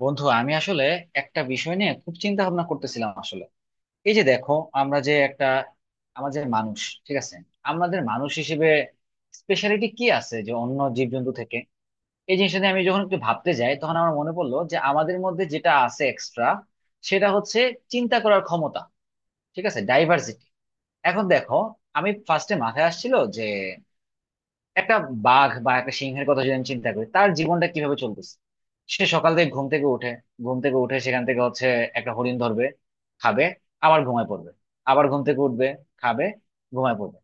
বন্ধু, আমি আসলে একটা বিষয় নিয়ে খুব চিন্তা ভাবনা করতেছিলাম আসলে। এই যে দেখো, আমরা যে একটা আমাদের মানুষ, ঠিক আছে, আমাদের মানুষ হিসেবে স্পেশালিটি কি আছে যে অন্য জীবজন্তু থেকে? এই জিনিসটা নিয়ে আমি যখন একটু ভাবতে যাই তখন আমার মনে পড়লো যে আমাদের মধ্যে যেটা আছে এক্সট্রা, সেটা হচ্ছে চিন্তা করার ক্ষমতা। ঠিক আছে, ডাইভার্সিটি। এখন দেখো, আমি ফার্স্টে মাথায় আসছিল যে একটা বাঘ বা একটা সিংহের কথা যদি আমি চিন্তা করি, তার জীবনটা কিভাবে চলতেছে। সে সকাল থেকে ঘুম থেকে উঠে সেখান থেকে হচ্ছে একটা হরিণ ধরবে, খাবে, আবার ঘুমায় পড়বে, আবার ঘুম থেকে উঠবে, খাবে, ঘুমায় পড়বে।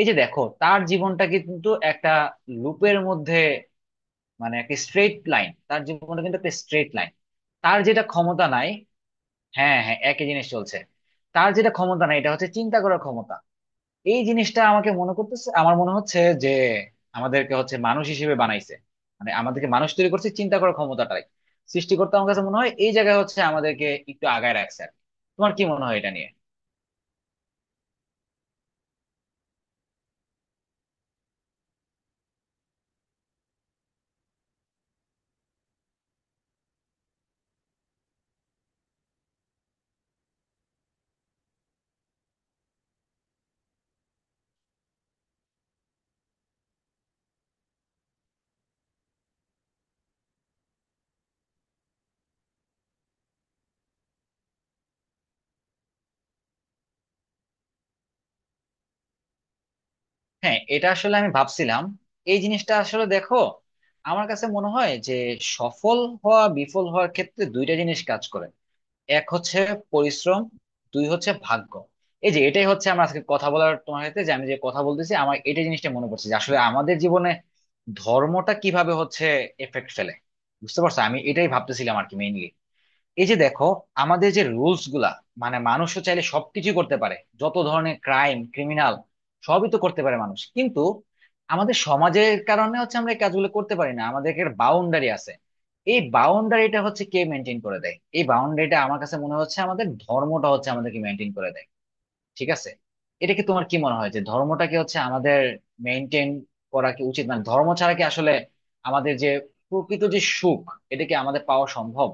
এই যে দেখো, তার জীবনটা কিন্তু একটা লুপের মধ্যে, মানে একটা স্ট্রেট লাইন, তার জীবনটা কিন্তু একটা স্ট্রেট লাইন। তার যেটা ক্ষমতা নাই। হ্যাঁ, হ্যাঁ, একই জিনিস চলছে। তার যেটা ক্ষমতা নাই এটা হচ্ছে চিন্তা করার ক্ষমতা। এই জিনিসটা আমাকে মনে করতেছে, আমার মনে হচ্ছে যে আমাদেরকে হচ্ছে মানুষ হিসেবে বানাইছে, মানে আমাদেরকে মানুষ তৈরি করছে চিন্তা করার ক্ষমতাটাই। সৃষ্টিকর্তা আমার কাছে মনে হয় এই জায়গায় হচ্ছে আমাদেরকে একটু আগায় রাখছে আর কি। তোমার কি মনে হয় এটা নিয়ে? হ্যাঁ, এটা আসলে আমি ভাবছিলাম এই জিনিসটা। আসলে দেখো, আমার কাছে মনে হয় যে সফল হওয়া বিফল হওয়ার ক্ষেত্রে দুইটা জিনিস কাজ করে। এক হচ্ছে পরিশ্রম, দুই হচ্ছে ভাগ্য। এই যে এটাই হচ্ছে আমরা আজকে কথা বলার তোমার সাথে, যে আমি যে কথা বলতেছি আমার এটা জিনিসটা মনে পড়ছে যে আসলে আমাদের জীবনে ধর্মটা কিভাবে হচ্ছে এফেক্ট ফেলে। বুঝতে পারছো, আমি এটাই ভাবতেছিলাম আর কি, মেইনলি। এই যে দেখো, আমাদের যে রুলস গুলা, মানে মানুষও চাইলে সবকিছু করতে পারে, যত ধরনের ক্রাইম ক্রিমিনাল সবই তো করতে পারে মানুষ, কিন্তু আমাদের সমাজের কারণে হচ্ছে আমরা এই কাজগুলো করতে পারি না, আমাদের একটা বাউন্ডারি আছে। এই বাউন্ডারিটা হচ্ছে কে মেনটেন করে দেয়? এই বাউন্ডারিটা আমার কাছে মনে হচ্ছে আমাদের ধর্মটা হচ্ছে আমাদেরকে মেনটেন করে দেয়। ঠিক আছে। এটা কি, তোমার কি মনে হয় যে ধর্মটাকে হচ্ছে আমাদের মেনটেন করা কি উচিত? মানে ধর্ম ছাড়া কি আসলে আমাদের যে প্রকৃত যে সুখ, এটা কি আমাদের পাওয়া সম্ভব?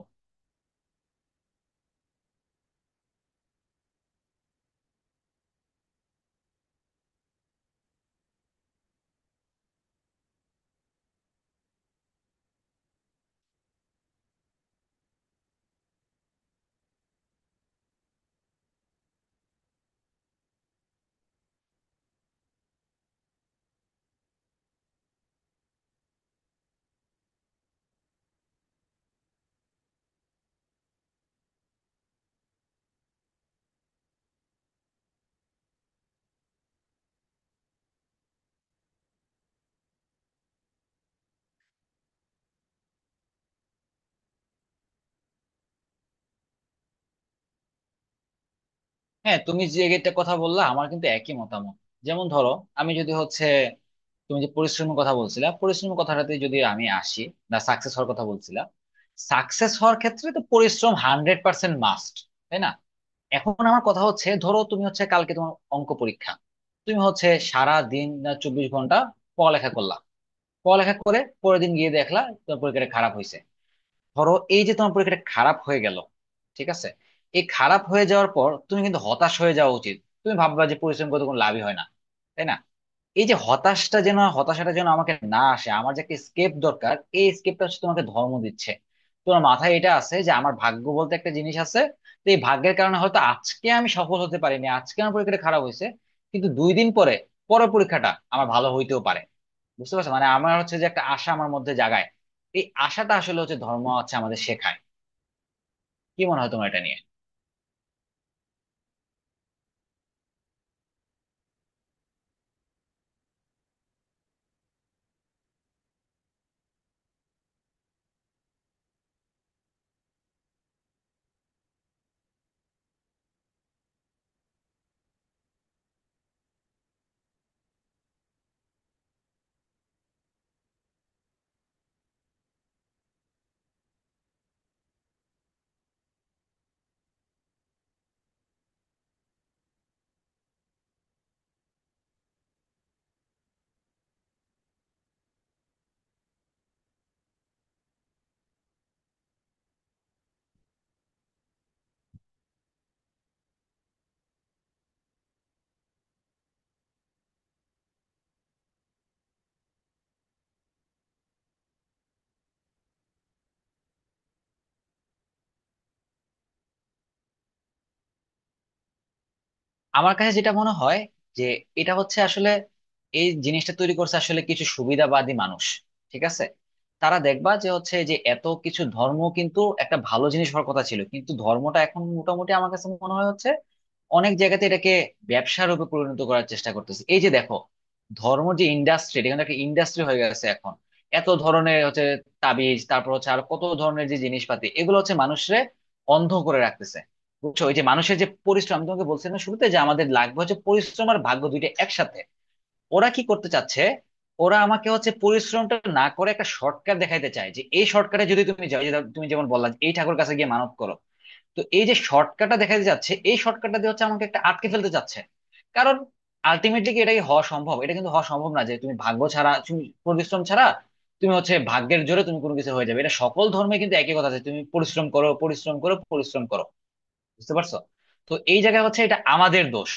হ্যাঁ, তুমি যে একটা কথা বললা আমার কিন্তু একই মতামত। যেমন ধরো, আমি যদি হচ্ছে তুমি যে পরিশ্রমের কথা বলছিলা, পরিশ্রমের কথাটাতে যদি আমি আসি, না, সাকসেস হওয়ার কথা বলছিলা। সাকসেস হওয়ার ক্ষেত্রে তো পরিশ্রম 100% মাস্ট, তাই না? এখন আমার কথা হচ্ছে, ধরো তুমি হচ্ছে কালকে তোমার অঙ্ক পরীক্ষা। তুমি হচ্ছে সারা দিন, না, 24 ঘন্টা পড়ালেখা করলা। পড়ালেখা করে পরের দিন গিয়ে দেখলা তোমার পরীক্ষাটা খারাপ হয়েছে। ধরো এই যে তোমার পরীক্ষাটা খারাপ হয়ে গেল, ঠিক আছে। এই খারাপ হয়ে যাওয়ার পর তুমি কিন্তু হতাশ হয়ে যাওয়া উচিত। তুমি ভাববা যে পরিশ্রম করে তো কোনো লাভই হয় না, তাই না? এই যে হতাশটা যেন হতাশাটা যেন আমাকে না আসে, আমার যে একটা স্কেপ দরকার। এই স্কেপটা হচ্ছে তোমাকে ধর্ম দিচ্ছে। তোমার মাথায় এটা আছে যে আমার ভাগ্য বলতে একটা জিনিস আছে। তো এই ভাগ্যের কারণে হয়তো আজকে আমি সফল হতে পারিনি, আজকে আমার পরীক্ষাটা খারাপ হয়েছে, কিন্তু 2 দিন পরে পরের পরীক্ষাটা আমার ভালো হইতেও পারে। বুঝতে পারছো, মানে আমার হচ্ছে যে একটা আশা আমার মধ্যে জাগায়। এই আশাটা আসলে হচ্ছে ধর্ম হচ্ছে আমাদের শেখায়। কি মনে হয় তোমার এটা নিয়ে? আমার কাছে যেটা মনে হয় যে এটা হচ্ছে আসলে এই জিনিসটা তৈরি করছে আসলে কিছু সুবিধাবাদী মানুষ। ঠিক আছে। তারা দেখবা যে হচ্ছে যে এত কিছু, ধর্ম কিন্তু একটা ভালো জিনিস হওয়ার কথা ছিল, কিন্তু ধর্মটা এখন মোটামুটি আমার কাছে মনে হয় হচ্ছে অনেক জায়গাতে এটাকে ব্যবসা রূপে পরিণত করার চেষ্টা করতেছে। এই যে দেখো, ধর্ম যে ইন্ডাস্ট্রি, এটা কিন্তু একটা ইন্ডাস্ট্রি হয়ে গেছে এখন। এত ধরনের হচ্ছে তাবিজ, তারপর হচ্ছে আর কত ধরনের যে জিনিসপাতি, এগুলো হচ্ছে মানুষরে অন্ধ করে রাখতেছে। বুঝছো, ওই যে মানুষের যে পরিশ্রম আমি তোমাকে বলছি না শুরুতে যে আমাদের লাগবে হচ্ছে পরিশ্রম আর ভাগ্য দুইটা একসাথে। ওরা কি করতে চাচ্ছে? ওরা আমাকে হচ্ছে পরিশ্রমটা না করে একটা শর্টকাট দেখাইতে চায়, যে এই শর্টকাটে যদি তুমি যাও যে, তুমি যেমন বললা যে এই ঠাকুর কাছে গিয়ে মানত করো। তো এই যে শর্টকাটটা দেখাইতে যাচ্ছে, এই শর্টকাটটা দিয়ে হচ্ছে আমাকে একটা আটকে ফেলতে চাচ্ছে। কারণ আলটিমেটলি কি এটা কি হওয়া সম্ভব? এটা কিন্তু হওয়া সম্ভব না যে তুমি ভাগ্য ছাড়া, তুমি পরিশ্রম ছাড়া, তুমি হচ্ছে ভাগ্যের জোরে তুমি কোনো কিছু হয়ে যাবে। এটা সকল ধর্মে কিন্তু একই কথা আছে, তুমি পরিশ্রম করো, পরিশ্রম করো, পরিশ্রম করো। বুঝতে পারছো? তো এই জায়গায় হচ্ছে এটা আমাদের দোষ।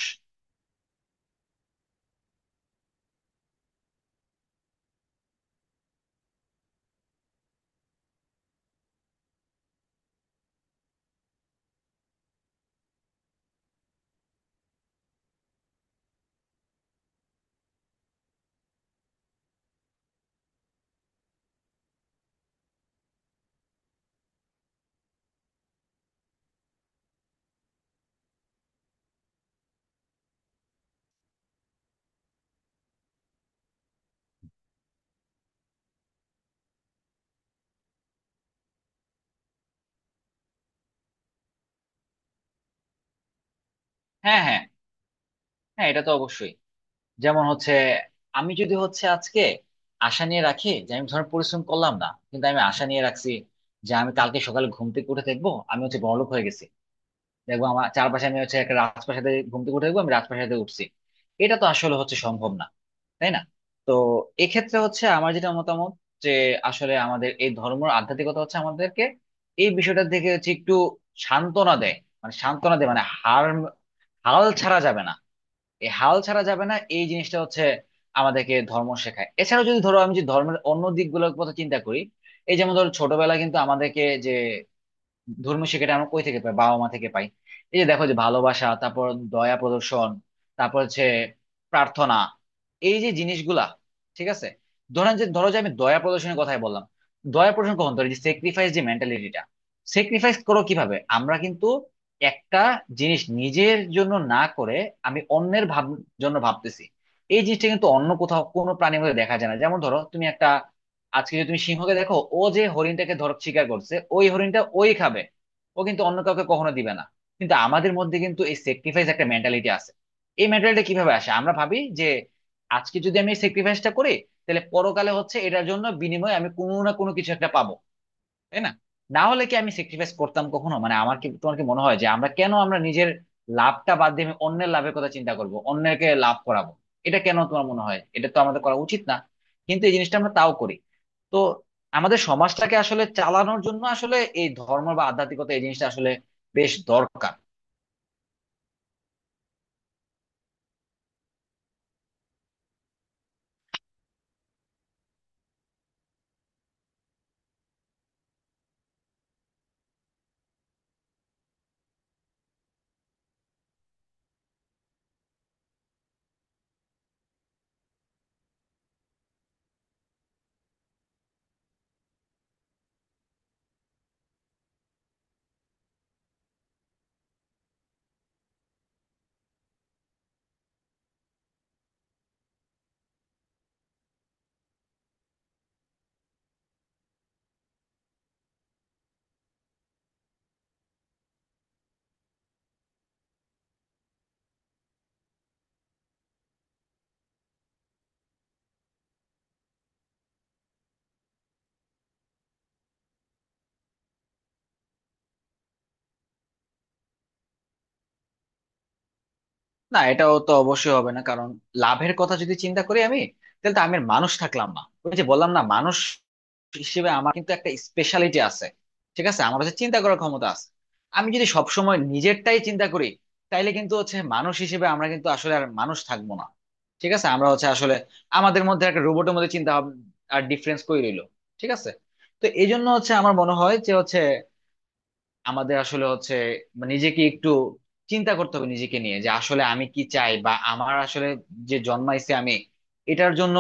হ্যাঁ, হ্যাঁ, হ্যাঁ, এটা তো অবশ্যই। যেমন হচ্ছে, আমি যদি হচ্ছে আজকে আশা নিয়ে রাখি যে আমি, ধর, পরিশ্রম করলাম না কিন্তু আমি আশা নিয়ে রাখছি যে আমি কালকে সকালে ঘুম থেকে উঠে দেখবো আমি হচ্ছে বড়লোক হয়ে গেছি, দেখবো আমার চারপাশে আমি হচ্ছে একটা রাজপ্রাসাদে, ঘুম থেকে উঠে দেখবো আমি রাজপ্রাসাদে উঠছি। এটা তো আসলে হচ্ছে সম্ভব না, তাই না? তো এক্ষেত্রে হচ্ছে আমার যেটা মতামত যে আসলে আমাদের এই ধর্ম আর আধ্যাত্মিকতা হচ্ছে আমাদেরকে এই বিষয়টার দিকে হচ্ছে একটু সান্ত্বনা দেয়। মানে সান্ত্বনা দেয় মানে হাল ছাড়া যাবে না। এই হাল ছাড়া যাবে না এই জিনিসটা হচ্ছে আমাদেরকে ধর্ম শেখায়। এছাড়াও যদি ধরো আমি যদি ধর্মের অন্য দিকগুলোর কথা চিন্তা করি, এই যেমন ধরো, ছোটবেলা কিন্তু আমাদেরকে যে ধর্মীয় শিক্ষাটা আমরা কই থেকে পাই? বাবা মা থেকে পাই। এই যে দেখো যে ভালোবাসা, তারপর দয়া প্রদর্শন, তারপর হচ্ছে প্রার্থনা, এই যে জিনিসগুলা, ঠিক আছে। ধরেন যে ধরো যে আমি দয়া প্রদর্শনের কথাই বললাম। দয়া প্রদর্শন কখন ধরে যে স্যাক্রিফাইস, যে মেন্টালিটিটা স্যাক্রিফাইস করো, কিভাবে আমরা কিন্তু একটা জিনিস নিজের জন্য না করে আমি অন্যের জন্য ভাবতেছি। এই জিনিসটা কিন্তু অন্য কোথাও কোনো প্রাণীর মধ্যে দেখা যায় না। যেমন ধরো, তুমি একটা, আজকে যদি তুমি সিংহকে দেখো, ও যে হরিণটাকে ধর শিকার করছে, ওই হরিণটা ওই খাবে, ও কিন্তু অন্য কাউকে কখনো দিবে না। কিন্তু আমাদের মধ্যে কিন্তু এই স্যাক্রিফাইস একটা মেন্টালিটি আছে। এই মেন্টালিটি কিভাবে আসে? আমরা ভাবি যে আজকে যদি আমি স্যাক্রিফাইসটা করি তাহলে পরকালে হচ্ছে এটার জন্য বিনিময়ে আমি কোনো না কোনো কিছু একটা পাবো, তাই না? না হলে কি আমি স্যাক্রিফাইস করতাম কখনো? মানে আমার কি, তোমার কি মনে হয় যে আমরা কেন আমরা নিজের লাভটা বাদ দিয়ে আমি অন্যের লাভের কথা চিন্তা করব, অন্যকে লাভ করাবো, এটা কেন? তোমার মনে হয় এটা তো আমাদের করা উচিত না, কিন্তু এই জিনিসটা আমরা তাও করি। তো আমাদের সমাজটাকে আসলে চালানোর জন্য আসলে এই ধর্ম বা আধ্যাত্মিকতা এই জিনিসটা আসলে বেশ দরকার। না, এটাও তো অবশ্যই হবে না, কারণ লাভের কথা যদি চিন্তা করি আমি, তাহলে তো আমি আর মানুষ থাকলাম না। ওই যে বললাম না, মানুষ হিসেবে আমার কিন্তু একটা স্পেশালিটি আছে, ঠিক আছে, আমার কাছে চিন্তা করার ক্ষমতা আছে। আমি যদি সবসময় নিজেরটাই চিন্তা করি, তাইলে কিন্তু হচ্ছে মানুষ হিসেবে আমরা কিন্তু আসলে আর মানুষ থাকবো না। ঠিক আছে, আমরা হচ্ছে আসলে আমাদের মধ্যে একটা রোবটের মধ্যে চিন্তা আর ডিফারেন্স করে রইলো। ঠিক আছে। তো এই জন্য হচ্ছে আমার মনে হয় যে হচ্ছে আমাদের আসলে হচ্ছে, মানে নিজেকে একটু চিন্তা করতে হবে, নিজেকে নিয়ে যে আসলে আমি কি চাই, বা আমার আসলে যে জন্মাইছে আমি, এটার জন্য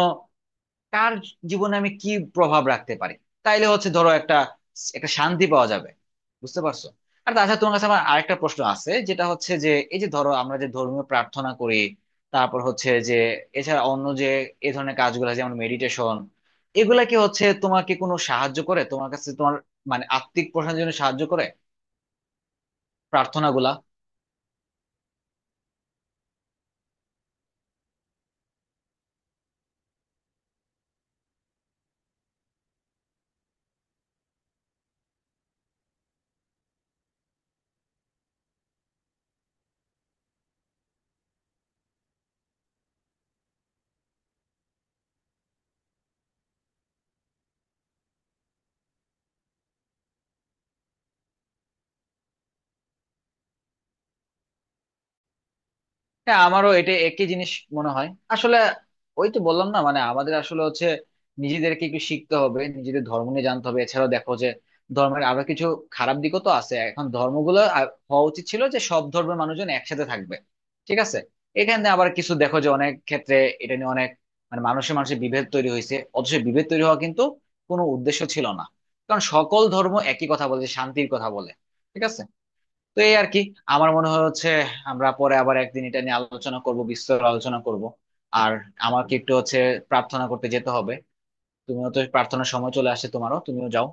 কার জীবনে আমি কি প্রভাব রাখতে পারি, তাইলে হচ্ছে ধরো একটা একটা শান্তি পাওয়া যাবে। বুঝতে পারছো? আর তাছাড়া তোমার কাছে আমার আরেকটা প্রশ্ন আছে, যেটা হচ্ছে যে এই যে ধরো আমরা যে ধর্মীয় প্রার্থনা করি, তারপর হচ্ছে যে এছাড়া অন্য যে এই ধরনের কাজগুলো আছে, যেমন মেডিটেশন, এগুলা কি হচ্ছে তোমাকে কোনো সাহায্য করে, তোমার কাছে তোমার মানে আত্মিক প্রশান্তির জন্য সাহায্য করে প্রার্থনাগুলা? হ্যাঁ, আমারও এটা একই জিনিস মনে হয় আসলে। ওই তো বললাম না, মানে আমাদের আসলে হচ্ছে নিজেদেরকে একটু শিখতে হবে, নিজেদের ধর্ম নিয়ে জানতে হবে। এছাড়াও দেখো যে ধর্মের আরো কিছু খারাপ দিকও তো আছে। এখন ধর্মগুলো হওয়া উচিত ছিল যে সব ধর্মের মানুষজন একসাথে থাকবে, ঠিক আছে। এখানে আবার কিছু দেখো যে অনেক ক্ষেত্রে এটা নিয়ে অনেক, মানে মানুষের মানুষের বিভেদ তৈরি হয়েছে, অথচ বিভেদ তৈরি হওয়া কিন্তু কোনো উদ্দেশ্য ছিল না, কারণ সকল ধর্ম একই কথা বলে, যে শান্তির কথা বলে। ঠিক আছে। তো এই আর কি, আমার মনে হয় হচ্ছে আমরা পরে আবার একদিন এটা নিয়ে আলোচনা করব, বিস্তর আলোচনা করব। আর আমাকে একটু হচ্ছে প্রার্থনা করতে যেতে হবে। তুমিও তো, প্রার্থনার সময় চলে আসছে, তোমারও, তুমিও যাও।